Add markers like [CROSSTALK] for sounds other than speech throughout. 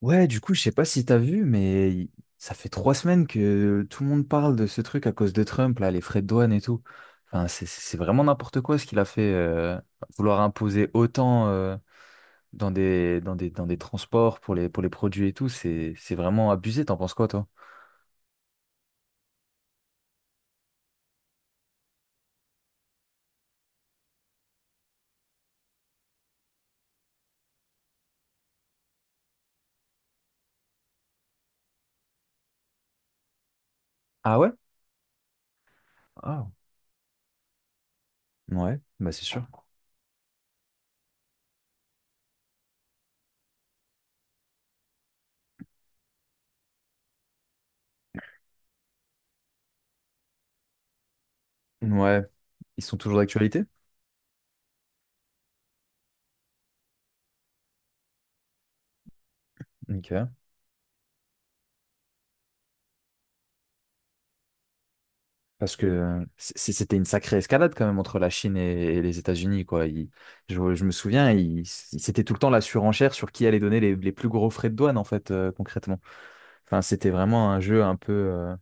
Ouais, du coup, je sais pas si t'as vu, mais ça fait trois semaines que tout le monde parle de ce truc à cause de Trump, là, les frais de douane et tout. Enfin, c'est vraiment n'importe quoi ce qu'il a fait, vouloir imposer autant dans des transports pour pour les produits et tout, c'est vraiment abusé. T'en penses quoi, toi? Ah ouais? Ah, ouais, bah c'est sûr. Ouais, ils sont toujours d'actualité? Ok. Parce que c'était une sacrée escalade quand même entre la Chine et les États-Unis, quoi. Je me souviens, c'était tout le temps la surenchère sur qui allait donner les plus gros frais de douane, en fait, concrètement. Enfin, c'était vraiment un jeu un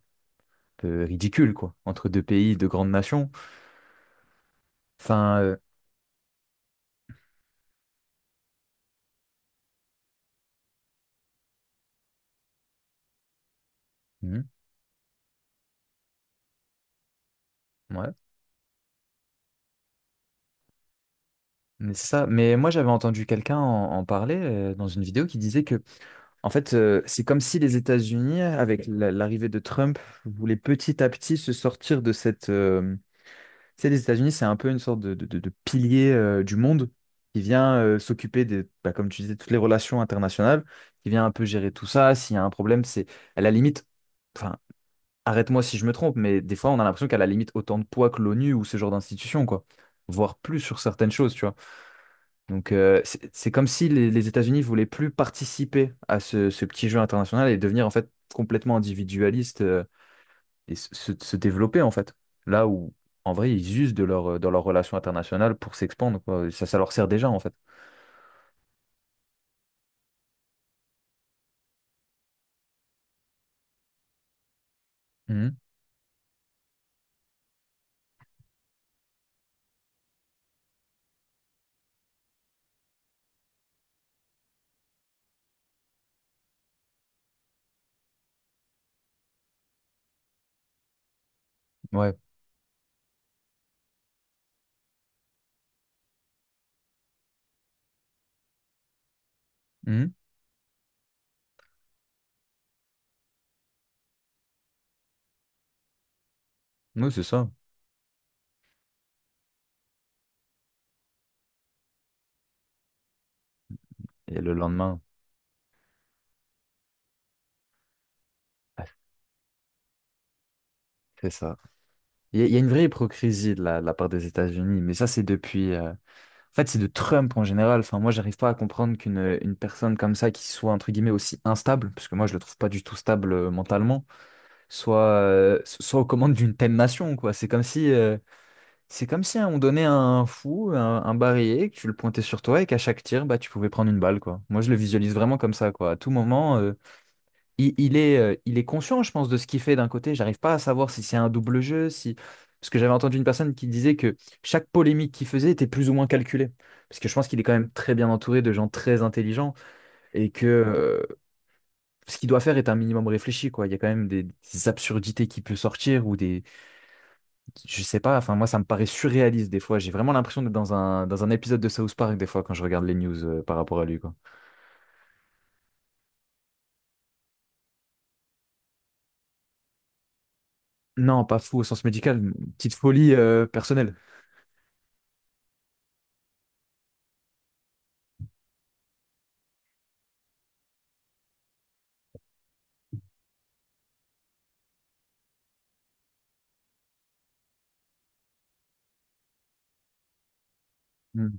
peu ridicule, quoi, entre deux pays, deux grandes nations. Enfin, mhm, ouais, mais c'est ça. Mais moi, j'avais entendu quelqu'un en parler dans une vidéo qui disait que, en fait, c'est comme si les États-Unis, avec l'arrivée de Trump, voulaient petit à petit se sortir de cette Euh... Tu sais, les États-Unis, c'est un peu une sorte de, de pilier du monde qui vient s'occuper de, bah, comme tu disais, toutes les relations internationales, qui vient un peu gérer tout ça. S'il y a un problème, c'est à la limite, enfin, arrête-moi si je me trompe, mais des fois, on a l'impression qu'à la limite autant de poids que l'ONU ou ce genre d'institution, quoi, voire plus sur certaines choses, tu vois. Donc, c'est comme si les États-Unis voulaient plus participer à ce, ce petit jeu international et devenir en fait complètement individualiste et se, se développer en fait. Là où en vrai ils usent de leur, dans leur relation internationale pour s'expandre, quoi. Ça leur sert déjà en fait. Mhm. Ouais. Mhm. Oui, c'est ça. Et le lendemain, ah, c'est ça. Il y a une vraie hypocrisie de la part des États-Unis, mais ça c'est depuis... En fait, c'est de Trump en général. Enfin, moi, j'arrive pas à comprendre qu'une une personne comme ça, qui soit entre guillemets aussi instable, parce que moi, je le trouve pas du tout stable mentalement, soit, soit aux commandes d'une telle nation, quoi. C'est comme si Euh... C'est comme si hein, on donnait un fou, un barillet, que tu le pointais sur toi et qu'à chaque tir, bah, tu pouvais prendre une balle, quoi. Moi, je le visualise vraiment comme ça, quoi. À tout moment, il est conscient, je pense, de ce qu'il fait d'un côté. J'arrive pas à savoir si c'est un double jeu, si... Parce que j'avais entendu une personne qui disait que chaque polémique qu'il faisait était plus ou moins calculée. Parce que je pense qu'il est quand même très bien entouré de gens très intelligents et que, ce qu'il doit faire est un minimum réfléchi, quoi. Il y a quand même des absurdités qui peuvent sortir ou des je sais pas, enfin moi ça me paraît surréaliste des fois. J'ai vraiment l'impression d'être dans un épisode de South Park des fois quand je regarde les news par rapport à lui, quoi. Non, pas fou au sens médical, une petite folie personnelle. Hmm.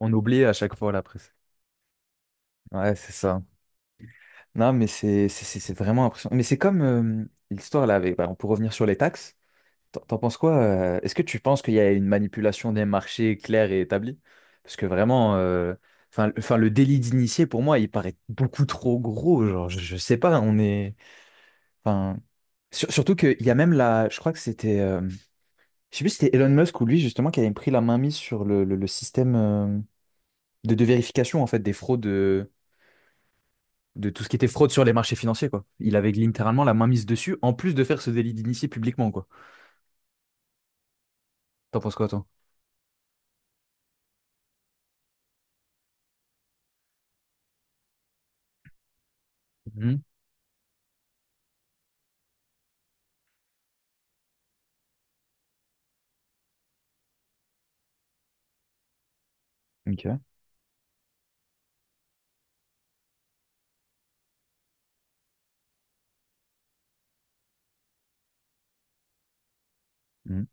On oublie à chaque fois la presse. Ouais, c'est ça. Non, mais c'est vraiment impressionnant. Mais c'est comme l'histoire là avec, bah, on peut revenir sur les taxes. T'en penses quoi? Est-ce que tu penses qu'il y a une manipulation des marchés claire et établie? Parce que vraiment, enfin, enfin le délit d'initié pour moi il paraît beaucoup trop gros. Genre, je sais pas, on est Enfin, surtout qu'il y a même la, je crois que c'était, je sais plus si c'était Elon Musk ou lui justement qui avait pris la main mise sur le, le système de vérification en fait des fraudes, de tout ce qui était fraude sur les marchés financiers quoi. Il avait littéralement la main mise dessus en plus de faire ce délit d'initié publiquement quoi. T'en penses quoi toi? Mhm. Ok. Mhm.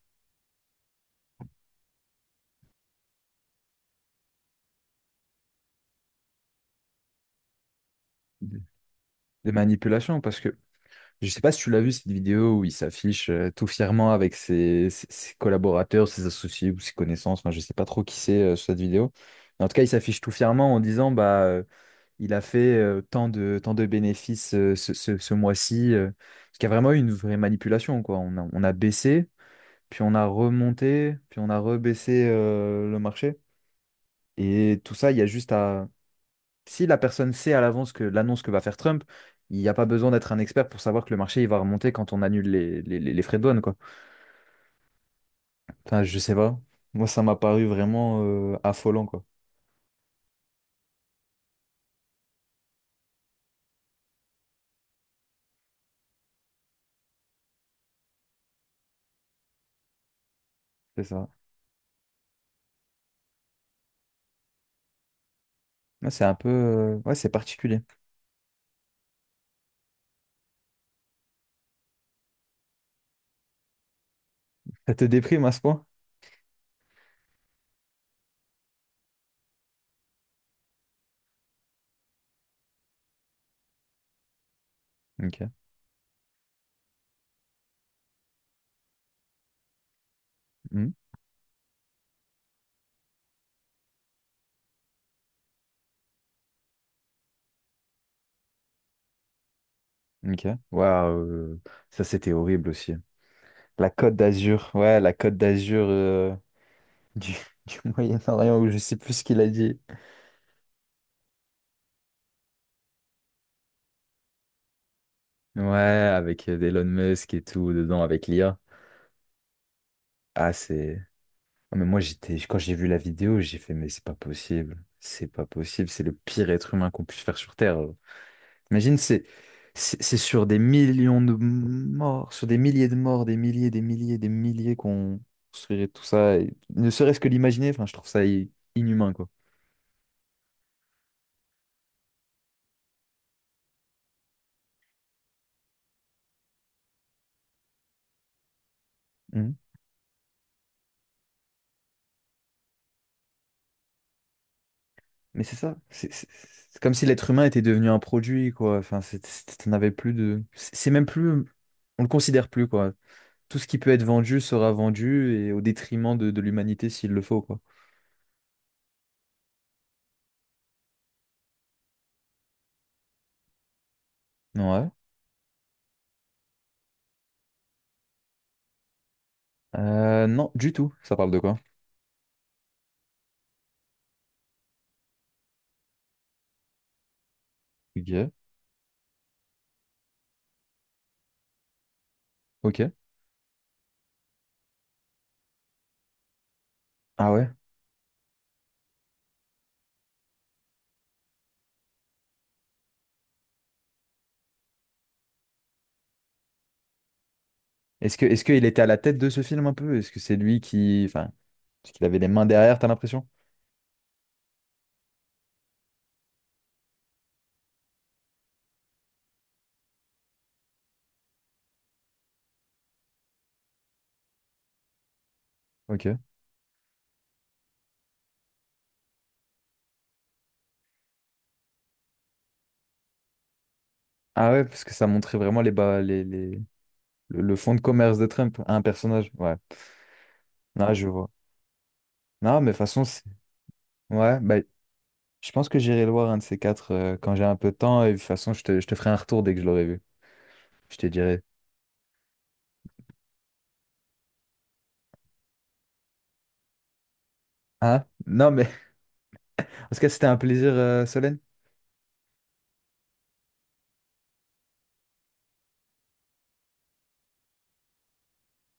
De- De manipulation parce que je sais pas si tu l'as vu cette vidéo où il s'affiche tout fièrement avec ses, ses collaborateurs, ses associés ou ses connaissances. Enfin, je sais pas trop qui c'est sur cette vidéo. Mais en tout cas, il s'affiche tout fièrement en disant bah il a fait tant de bénéfices ce, ce mois-ci. Parce qu'il y a vraiment eu une vraie manipulation quoi. On a baissé, puis on a remonté, puis on a rebaissé le marché. Et tout ça, il y a juste à si la personne sait à l'avance que l'annonce que va faire Trump, il n'y a pas besoin d'être un expert pour savoir que le marché il va remonter quand on annule les frais de douane, quoi. Enfin, je sais pas. Moi, ça m'a paru vraiment affolant, quoi. C'est ça. Ouais, c'est un peu. Ouais, c'est particulier. Ça te déprime à ce point? Ok. Hmm. Ok. Waouh. Ça, c'était horrible aussi. La Côte d'Azur. Ouais, la Côte d'Azur du, [LAUGHS] du Moyen-Orient, où je sais plus ce qu'il a dit. Ouais, avec Elon Musk et tout dedans, avec l'IA. Ah, c'est. Ah, mais moi, j'étais, quand j'ai vu la vidéo, j'ai fait, mais c'est pas possible. C'est pas possible. C'est le pire être humain qu'on puisse faire sur Terre. Imagine, c'est, c'est sur des millions de morts, sur des milliers de morts, des milliers, des milliers, des milliers qu'on construirait tout ça. Et ne serait-ce que l'imaginer, enfin, je trouve ça inhumain, quoi. Mhm. Mais c'est ça. C'est comme si l'être humain était devenu un produit, quoi. Enfin, t'en avais plus de. C'est même plus. On le considère plus, quoi. Tout ce qui peut être vendu sera vendu et au détriment de l'humanité s'il le faut, quoi. Ouais. Non, du tout. Ça parle de quoi? Ok. Ok. Ah ouais. Est-ce qu'il était à la tête de ce film un peu? Est-ce que c'est lui qui... Enfin, est-ce qu'il avait les mains derrière, t'as l'impression? Ok. Ah ouais, parce que ça montrait vraiment les bas, le fond de commerce de Trump à un personnage. Ouais. Non, je vois. Non, mais de toute façon, ouais, bah, je pense que j'irai le voir un de ces quatre quand j'ai un peu de temps. Et de toute façon, je te ferai un retour dès que je l'aurai vu. Je te dirai. Hein? Non, mais [LAUGHS] en tout cas, c'était un plaisir, Solène.